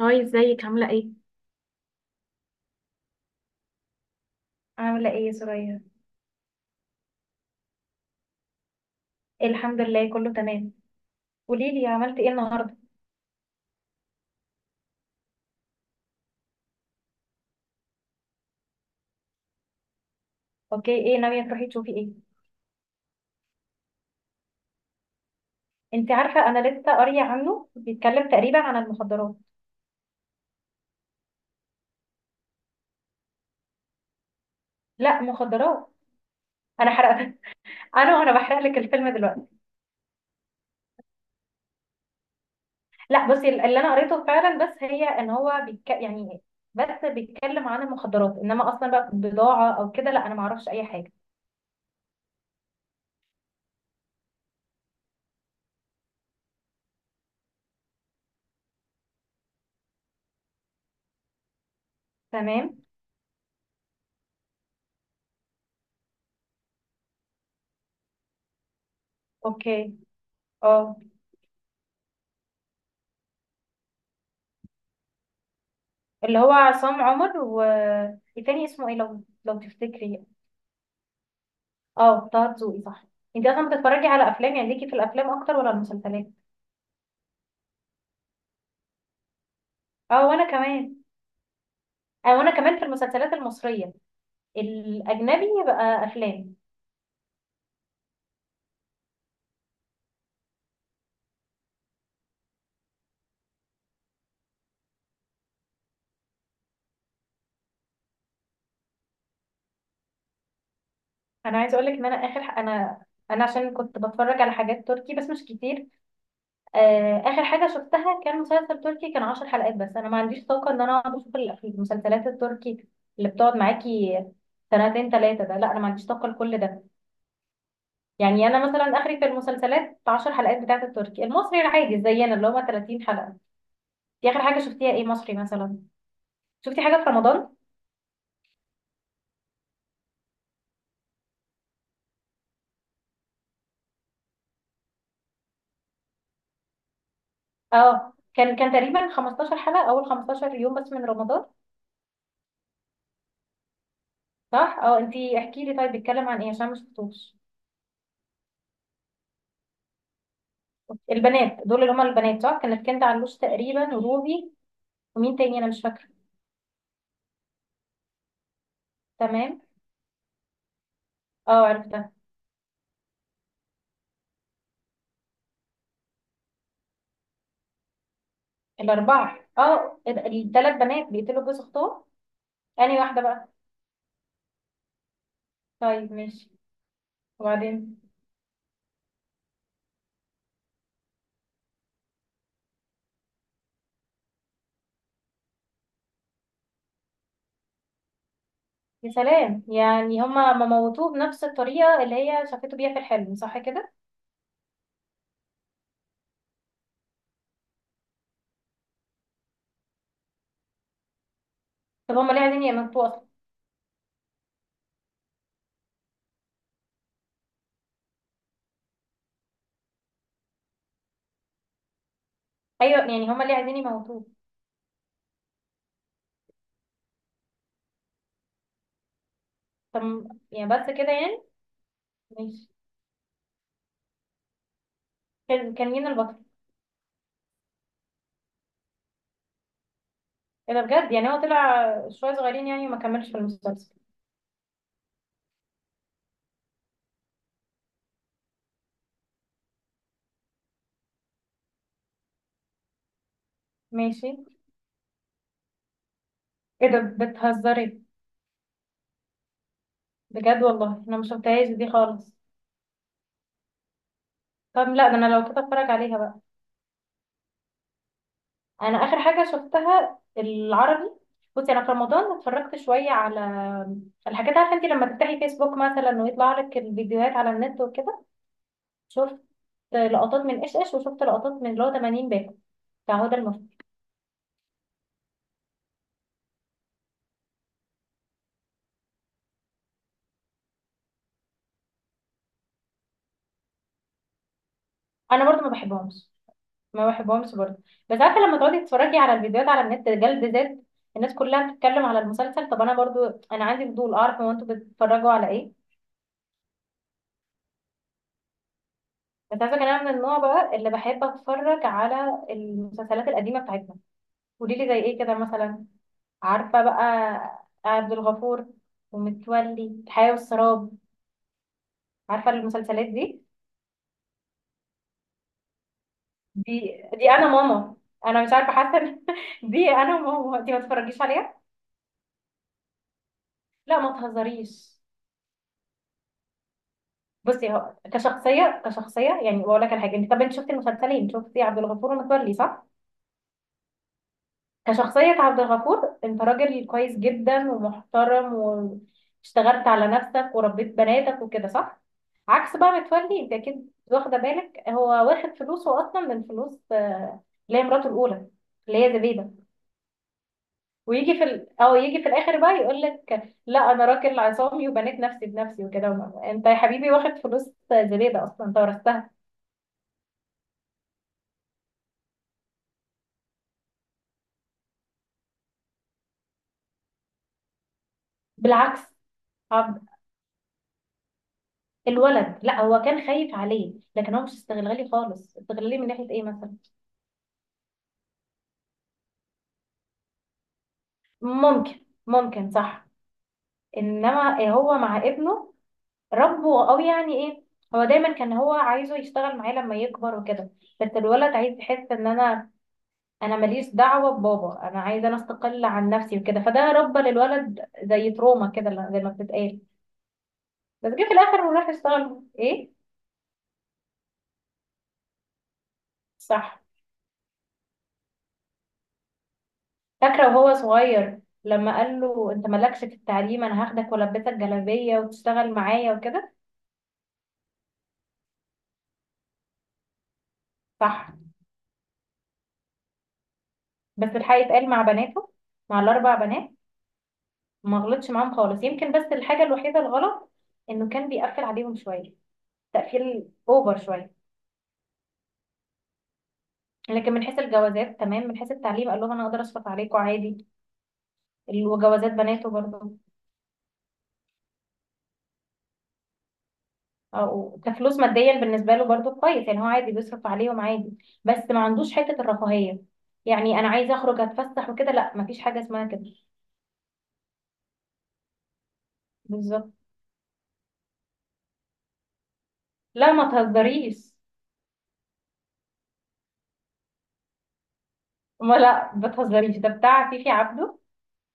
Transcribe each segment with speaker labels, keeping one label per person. Speaker 1: هاي، ازيك؟ عاملة ايه؟ عاملة ايه يا سرايا؟ الحمد لله كله تمام. قوليلي عملتي ايه النهاردة؟ اوكي، ايه ناوية تروحي تشوفي ايه؟ انت عارفة انا لسه قارية عنه، بيتكلم تقريبا عن المخدرات. لا، مخدرات. انا حرقت انا وانا بحرق لك الفيلم دلوقتي. لا بصي، اللي انا قريته فعلا بس هي ان هو يعني بس بيتكلم عن المخدرات، انما اصلا بقى بضاعة او كده لا، انا معرفش اي حاجة. تمام. اوكي. اه، اللي هو عصام عمر، والتاني اسمه ايه لو تفتكري؟ اه، طه دسوقي صح. انت اصلا بتتفرجي على افلام؟ يعني ليكي في الافلام اكتر ولا المسلسلات؟ اه وانا كمان. اه وانا كمان في المسلسلات المصريه، الاجنبي بقى افلام. انا عايزه اقول لك ان انا انا انا عشان كنت بتفرج على حاجات تركي بس مش كتير. اخر حاجه شفتها كان مسلسل تركي، كان 10 حلقات. بس انا ما عنديش طاقه ان انا اقعد اشوف المسلسلات التركي اللي بتقعد معاكي سنتين ثلاثه، ده لا انا ما عنديش طاقه لكل ده. يعني انا مثلا اخري في المسلسلات 10 حلقات، بتاعت التركي. المصري العادي زينا اللي هما 30 حلقه، دي اخر حاجه شفتيها ايه مصري مثلا؟ شفتي حاجه في رمضان؟ اه كان تقريبا 15 حلقه، اول 15 يوم بس من رمضان. صح. اه انتي احكي لي طيب، بيتكلم عن ايه عشان ما شفتوش؟ البنات دول، اللي هما البنات صح، كانت كنت علوش تقريبا وروبي، ومين تاني انا مش فاكره؟ تمام، اه عرفتها. الاربعه، اه الثلاث بنات بيقتلوا جوز اختهم. انهي واحده بقى؟ طيب ماشي. وبعدين؟ يا سلام، يعني هما ما موتوه بنفس الطريقه اللي هي شافته بيها في الحلم، صح كده؟ طب هما ليه عايزين يموتوه؟ ايوه، يعني هما اللي عايزين يموتوه. طب يعني بس كده يعني؟ ماشي. كان مين البطل؟ ايه ده بجد؟ يعني هو طلع شويه صغيرين يعني، وما كملش في المسلسل. ماشي. ايه ده بتهزري؟ بجد والله انا ما شفتهاش دي خالص. طب لا، ده انا لو كده اتفرج عليها بقى. انا اخر حاجه شفتها العربي. بصي انا في رمضان اتفرجت شويه على الحاجات، عارفه انت لما تفتحي فيسبوك مثلا ويطلع لك الفيديوهات على النت وكده، شفت لقطات من ايش ايش، وشفت لقطات من اللي هو 80 باكو بتاع هدى المفتي. انا برضو ما بحبهمش، ما بحبهمش برضو. بس عارفه لما تقعدي تتفرجي على الفيديوهات على النت رجال بالذات، الناس كلها بتتكلم على المسلسل، طب انا برضو انا عندي فضول اعرف هو انتوا بتتفرجوا على ايه. بس عارفه كان انا من النوع بقى اللي بحب اتفرج على المسلسلات القديمه بتاعتنا. قولي لي زي ايه كده مثلا؟ عارفه بقى عبد الغفور، ومتولي، الحياه والسراب، عارفه المسلسلات دي؟ دي دي انا ماما. انا مش عارفه، حاسه دي انا ماما، دي ما تتفرجيش عليها. لا ما تهزريش. بصي هو كشخصيه، يعني بقول لك الحاجه، انت طب انت شفتي المسلسلين، شفتي عبد الغفور ومتولي صح؟ كشخصيه عبد الغفور انت راجل كويس جدا ومحترم، واشتغلت على نفسك وربيت بناتك وكده صح. عكس بقى متولي، انت اكيد واخده بالك هو واخد فلوسه اصلا من فلوس اللي هي مراته الاولى اللي هي زبيده. او يجي في الاخر بقى يقول لك لا انا راجل عصامي وبنيت نفسي بنفسي وكده. انت يا حبيبي واخد فلوس زبيده اصلا، انت ورثتها. بالعكس. عبد الولد، لا هو كان خايف عليه، لكن هو مش استغلالي خالص. استغلالي من ناحية ايه مثلا؟ ممكن ممكن صح. انما هو مع ابنه ربه، او يعني ايه، هو دايما كان هو عايزه يشتغل معاه لما يكبر وكده. بس الولد عايز يحس ان انا ماليش دعوة ببابا، انا عايز انا استقل عن نفسي وكده. فده ربى للولد زي تروما كده زي ما بتتقال. بس جه في الاخر وراح يشتغل ايه. صح. فاكرة وهو صغير لما قال له انت مالكش في التعليم، انا هاخدك والبسك جلابية وتشتغل معايا وكده. صح. بس الحقيقة اتقال مع بناته، مع الاربع بنات، ما غلطش معاهم خالص. يمكن بس الحاجة الوحيدة الغلط انه كان بيقفل عليهم شوية، تقفيل اوفر شوية. لكن من حيث الجوازات تمام، من حيث التعليم قال لهم انا اقدر اشفق عليكم عادي، وجوازات بناته برضه. او كفلوس ماديا بالنسبه له برضو كويس، يعني هو عادي بيصرف عليهم عادي. بس ما عندوش حته الرفاهيه، يعني انا عايزه اخرج اتفسح وكده، لا ما فيش حاجه اسمها كده. بالظبط. لا ما تهزريش. ما لا ما تهزريش، ده بتاع فيفي عبده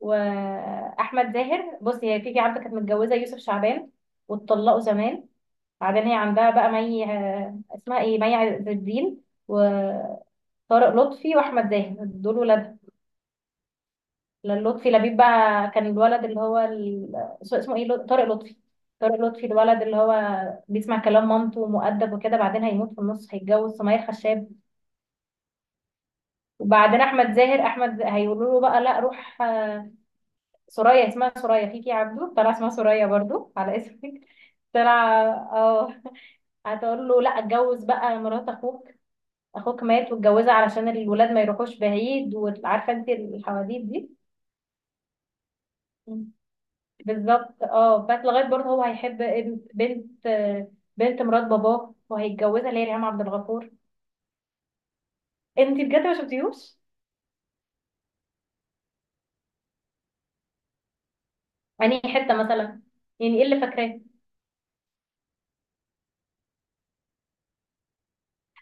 Speaker 1: واحمد زاهر. بصي هي فيفي عبده كانت متجوزه يوسف شعبان، واتطلقوا زمان. بعدين هي عندها بقى مي، اسمها ايه، مي عز الدين، وطارق لطفي، واحمد زاهر، دول ولاد. لأن لطفي لبيب بقى كان الولد اللي هو اسمه ايه، طارق لطفي. طارق لطفي الولد اللي هو بيسمع كلام مامته ومؤدب وكده، بعدين هيموت في النص، هيتجوز سمية خشاب. وبعدين احمد زاهر، احمد هيقولوا له بقى لا روح سوريا، اسمها سوريا فيكي يا عبدو، طلع اسمها سوريا برضو على اسمك. طلع اه. هتقول له لا اتجوز بقى مرات اخوك، اخوك مات واتجوزها علشان الولاد ما يروحوش بعيد، وعارفه انت الحواديت دي. بالظبط. اه بس لغايه برضه هو هيحب بنت، بنت مرات باباه وهيتجوزها، اللي هي ريهام عبد الغفور. انت بجد ما شفتيهوش؟ يعني حته مثلا، يعني ايه اللي فاكراه؟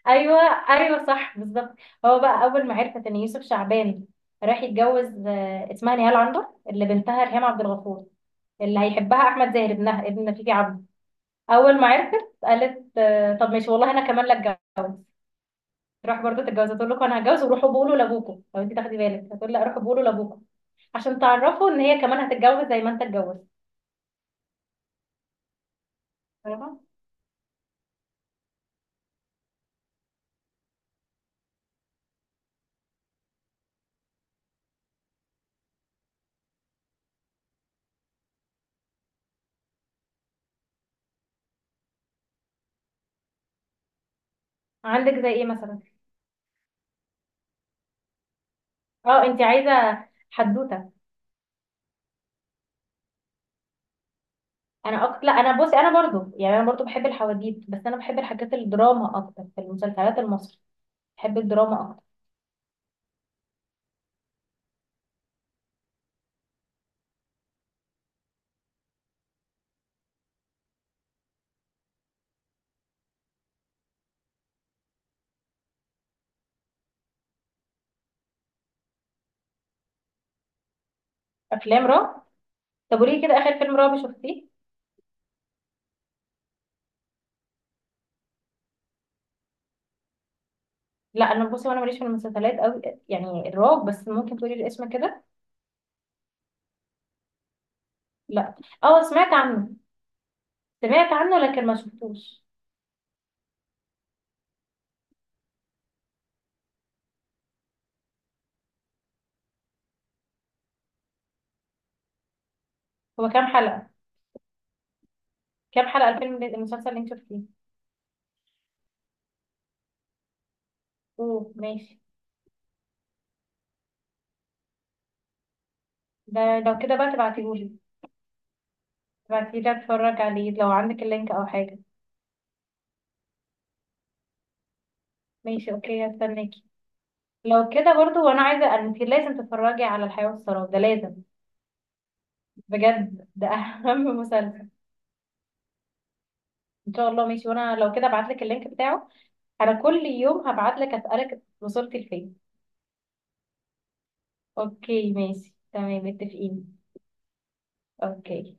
Speaker 1: ايوه، ايوه صح بالظبط. هو بقى اول ما عرفت ان يوسف شعبان راح يتجوز اسمها نهال عنبر، اللي بنتها ريهام عبد الغفور، اللي هيحبها احمد زاهر ابنها، ابن فيفي عبده. اول ما عرفت قالت طب ماشي والله انا كمان لا اتجوز. راح برضه تتجوز، تقول لكم انا هتجوز، وروحوا بقولوا لابوكم. لو انت تاخدي بالك هتقول لا، روحوا بقولوا لابوكم، عشان تعرفه ان هي كمان هتتجوز زي ما انت اتجوزت. فاهمة؟ عندك زي ايه مثلا؟ اه انت عايزه حدوته. انا اكتر، لا انا بصي انا برضو، يعني انا برضو بحب الحواديت، بس انا بحب الحاجات الدراما اكتر في المسلسلات المصري. بحب الدراما اكتر. افلام رعب. طب قولي كده، اخر فيلم رعب شفتيه؟ لا انا بصي وانا ماليش في المسلسلات قوي، يعني الرعب. بس ممكن تقولي الاسم كده. لا. اه سمعت عنه، سمعت عنه لكن ما شفتوش. هو كام حلقه؟ كام حلقه الفيلم، المسلسل اللي انت شفتيه؟ اوه ماشي. ده لو كده بقى تبعتيهولي. ابعتيلي اتفرج عليه لو عندك اللينك او حاجة. ماشي اوكي، هستناكي. لو كده برضو، وانا عايزة انت لازم تتفرجي على الحياة والسراب، ده لازم بجد، ده اهم مسلسل. ان شاء الله ماشي، وانا لو كده ابعتلك اللينك بتاعه. انا كل يوم هبعتلك اسألك وصلت لفين. اوكي ماشي تمام، متفقين. اوكي.